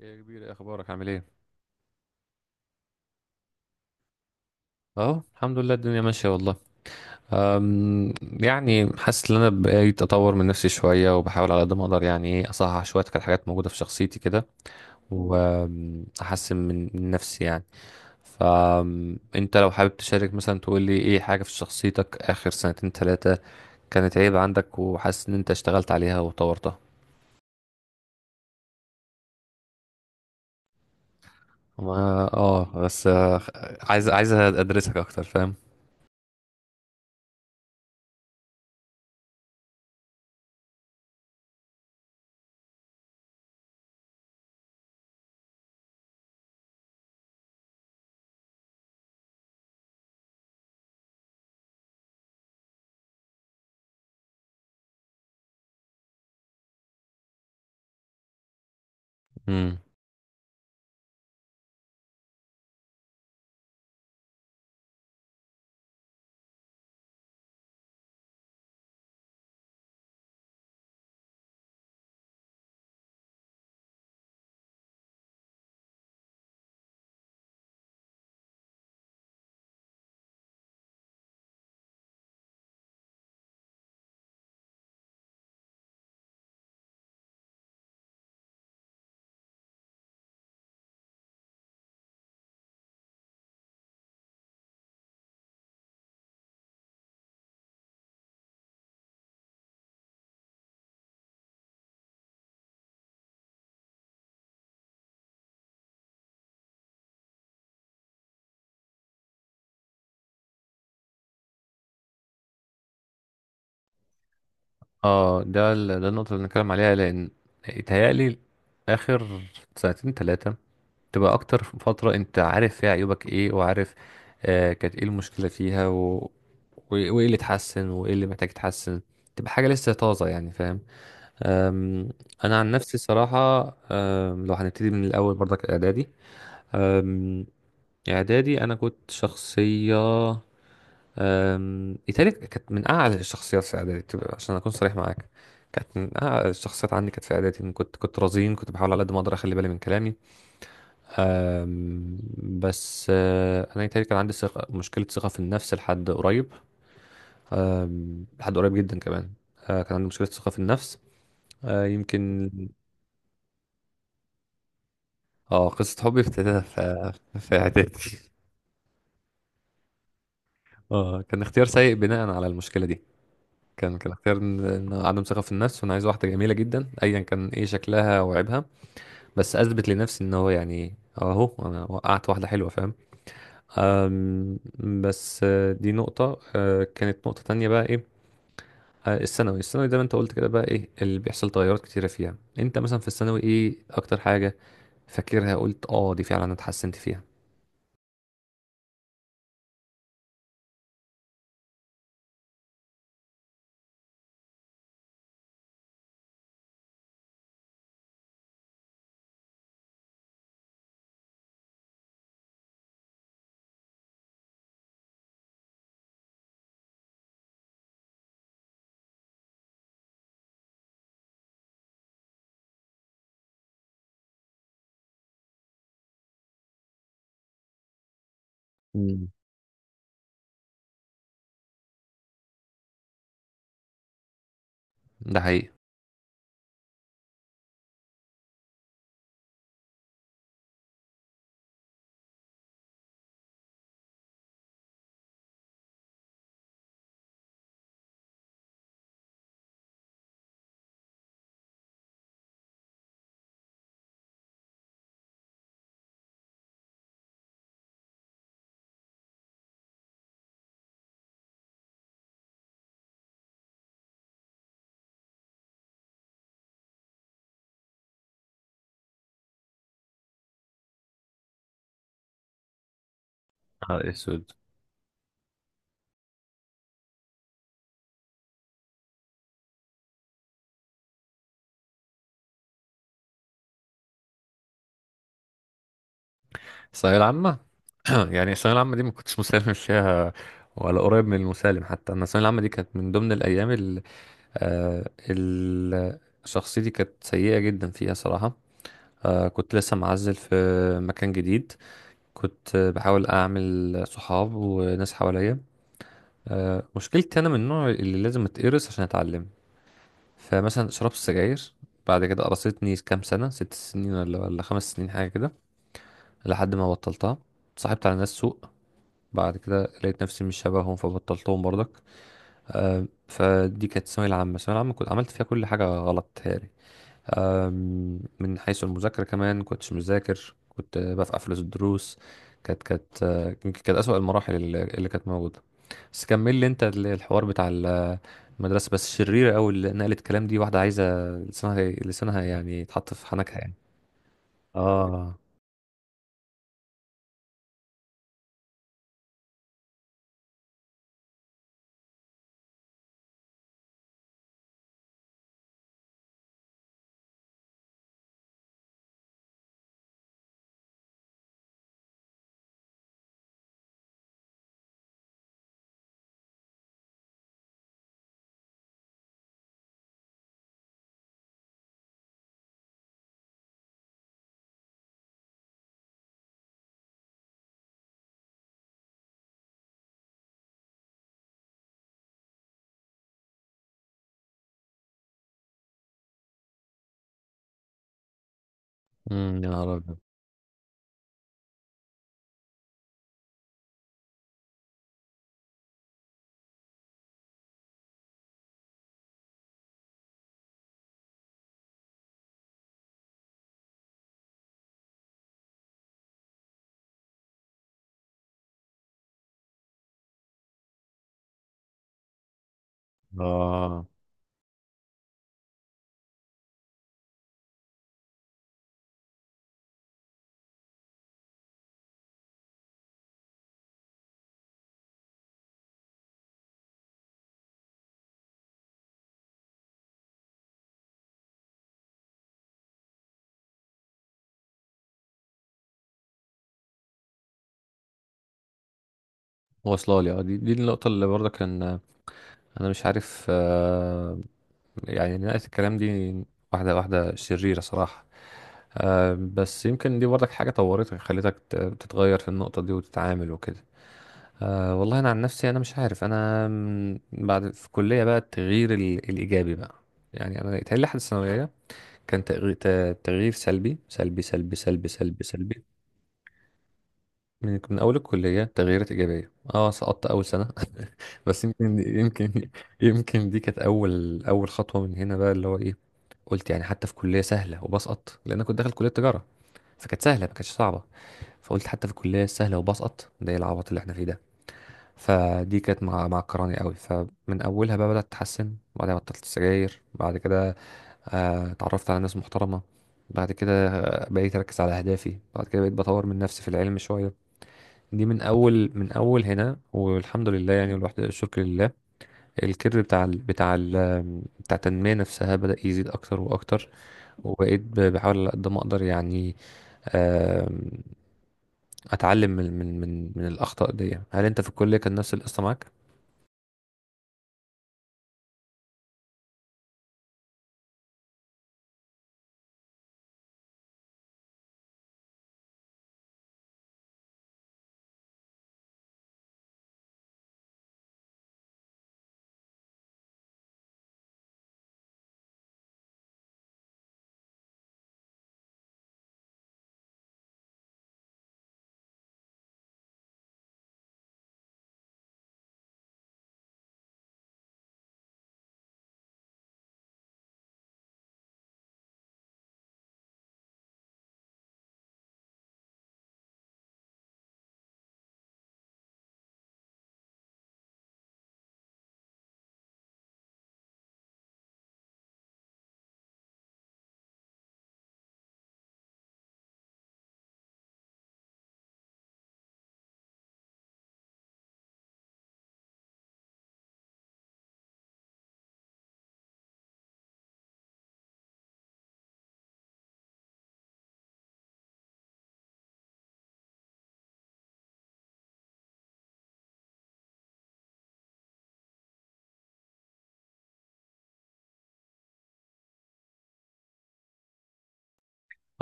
يا كبير، إيه اخبارك؟ عامل ايه؟ اهو، الحمد لله، الدنيا ماشيه والله. يعني حاسس ان انا بقيت اطور من نفسي شويه، وبحاول على قد ما اقدر يعني ايه اصحح شويه كانت حاجات موجوده في شخصيتي كده، واحسن من نفسي يعني. فانت لو حابب تشارك مثلا، تقول لي ايه حاجه في شخصيتك اخر سنتين ثلاثه كانت عيب عندك، وحاسس ان انت اشتغلت عليها وطورتها. ما، اه، بس، عايز ادرسك اكتر، فاهم؟ اه، ده النقطة اللي بنتكلم عليها، لأن يتهيألي آخر سنتين تلاتة تبقى أكتر فترة أنت عارف فيها عيوبك إيه، وعارف كانت إيه المشكلة فيها، وإيه اللي اتحسن وإيه اللي محتاج يتحسن، تبقى حاجة لسه طازة يعني، فاهم؟ أم، أنا عن نفسي صراحة. لو هنبتدي من الأول برضك إعدادي، أم، إعدادي أنا كنت شخصية. إيطاليا كانت من أعلى الشخصيات في إعدادي، عشان أكون صريح معاك، كانت من أعلى الشخصيات عندي كانت في إعدادي. إن كنت رزين، كنت بحاول على قد ما أقدر أخلي بالي من كلامي. بس، أنا إيطاليا كان عندي مشكلة ثقة في النفس لحد قريب. لحد قريب جدا كمان. كان عندي مشكلة ثقة في النفس. أه، يمكن. اه، قصة حبي ابتدت في في إعدادي اه، كان اختيار سيء بناء على المشكلة دي. كان اختيار، إن عدم ثقة في النفس، وأنا عايز واحدة جميلة جدا أيا كان إيه شكلها وعيبها. بس أثبت لنفسي إن هو يعني أهو أنا وقعت واحدة حلوة، فاهم؟ أم، بس، دي نقطة، كانت نقطة تانية بقى إيه. الثانوي زي ما أنت قلت كده، بقى إيه اللي بيحصل تغيرات كتيرة فيها؟ أنت مثلا في الثانوي إيه أكتر حاجة فاكرها قلت أه دي فعلا أنا اتحسنت فيها؟ مم. ده حقيقي. نهار اسود. الثانوية العامة. يعني الثانوية العامة دي ما كنتش مسالم فيها، ولا قريب من المسالم حتى. أنا الثانوية العامة دي كانت من ضمن الأيام، شخصيتي كانت سيئة جدا فيها صراحة. كنت لسه معزل في مكان جديد، كنت بحاول أعمل صحاب وناس حواليا. مشكلتي أنا من النوع اللي لازم أتقرص عشان أتعلم. فمثلا شربت سجاير، بعد كده قرصتني كام سنة، ست سنين ولا خمس سنين حاجة كده، لحد ما بطلتها. اتصاحبت على ناس سوء، بعد كده لقيت نفسي مش شبههم فبطلتهم برضك. فدي كانت الثانوية العامة كنت عملت فيها كل حاجة غلط تهيألي. من حيث المذاكرة كمان كنتش مذاكر، كنت بفقع فلوس الدروس. كانت، يمكن كانت أسوأ المراحل اللي كانت موجودة. بس كمل لي أنت الحوار بتاع المدرسة. بس شريرة أوي اللي نقلت كلام دي، واحدة عايزة لسانها، لسانها يعني يتحط في حنكها يعني. اه. يا نهار أبيض. اه، واصلة لي. اه، دي النقطة اللي برضه كان انا مش عارف، يعني نهاية الكلام دي واحدة شريرة صراحة. بس يمكن دي برضك حاجة طورتك، خلتك تتغير في النقطة دي وتتعامل وكده. والله انا عن نفسي انا مش عارف، انا م، بعد في الكلية بقى التغيير الايجابي بقى. يعني انا يتهيألي لحد الثانوية كان تغيير تغيير سلبي سلبي سلبي سلبي سلبي سلبي. من اول الكليه تغييرات ايجابيه. اه، سقطت اول سنه. بس يمكن دي كانت اول خطوه من هنا بقى، اللي هو ايه، قلت يعني حتى في كليه سهله وبسقط، لان أنا كنت داخل كليه تجاره فكانت سهله ما كانتش صعبه. فقلت حتى في الكليه السهله وبسقط، ده إيه العبط اللي احنا فيه ده؟ فدي كانت معكراني قوي، فمن اولها بقى بدات اتحسن بعدها بطلت السجاير. بعد كده اتعرفت على ناس محترمه، بعد كده بقيت اركز على اهدافي، بعد كده بقيت بطور من نفسي في العلم شويه. دي من اول هنا والحمد لله يعني، والواحد الشكر لله. الكيرف بتاع التنميه نفسها بدا يزيد اكتر واكتر. وبقيت بحاول على قد ما اقدر يعني. آم، اتعلم من الاخطاء دي. هل انت في الكليه كان نفس القصه معاك؟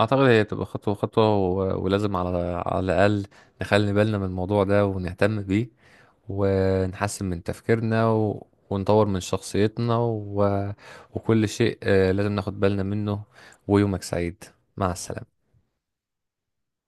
اعتقد هي بتبقى خطوه خطوه، و- ولازم على الاقل نخلي بالنا من الموضوع ده ونهتم بيه، ونحسن من تفكيرنا، و... ونطور من شخصيتنا، و... وكل شيء لازم ناخد بالنا منه. ويومك سعيد، مع السلامة.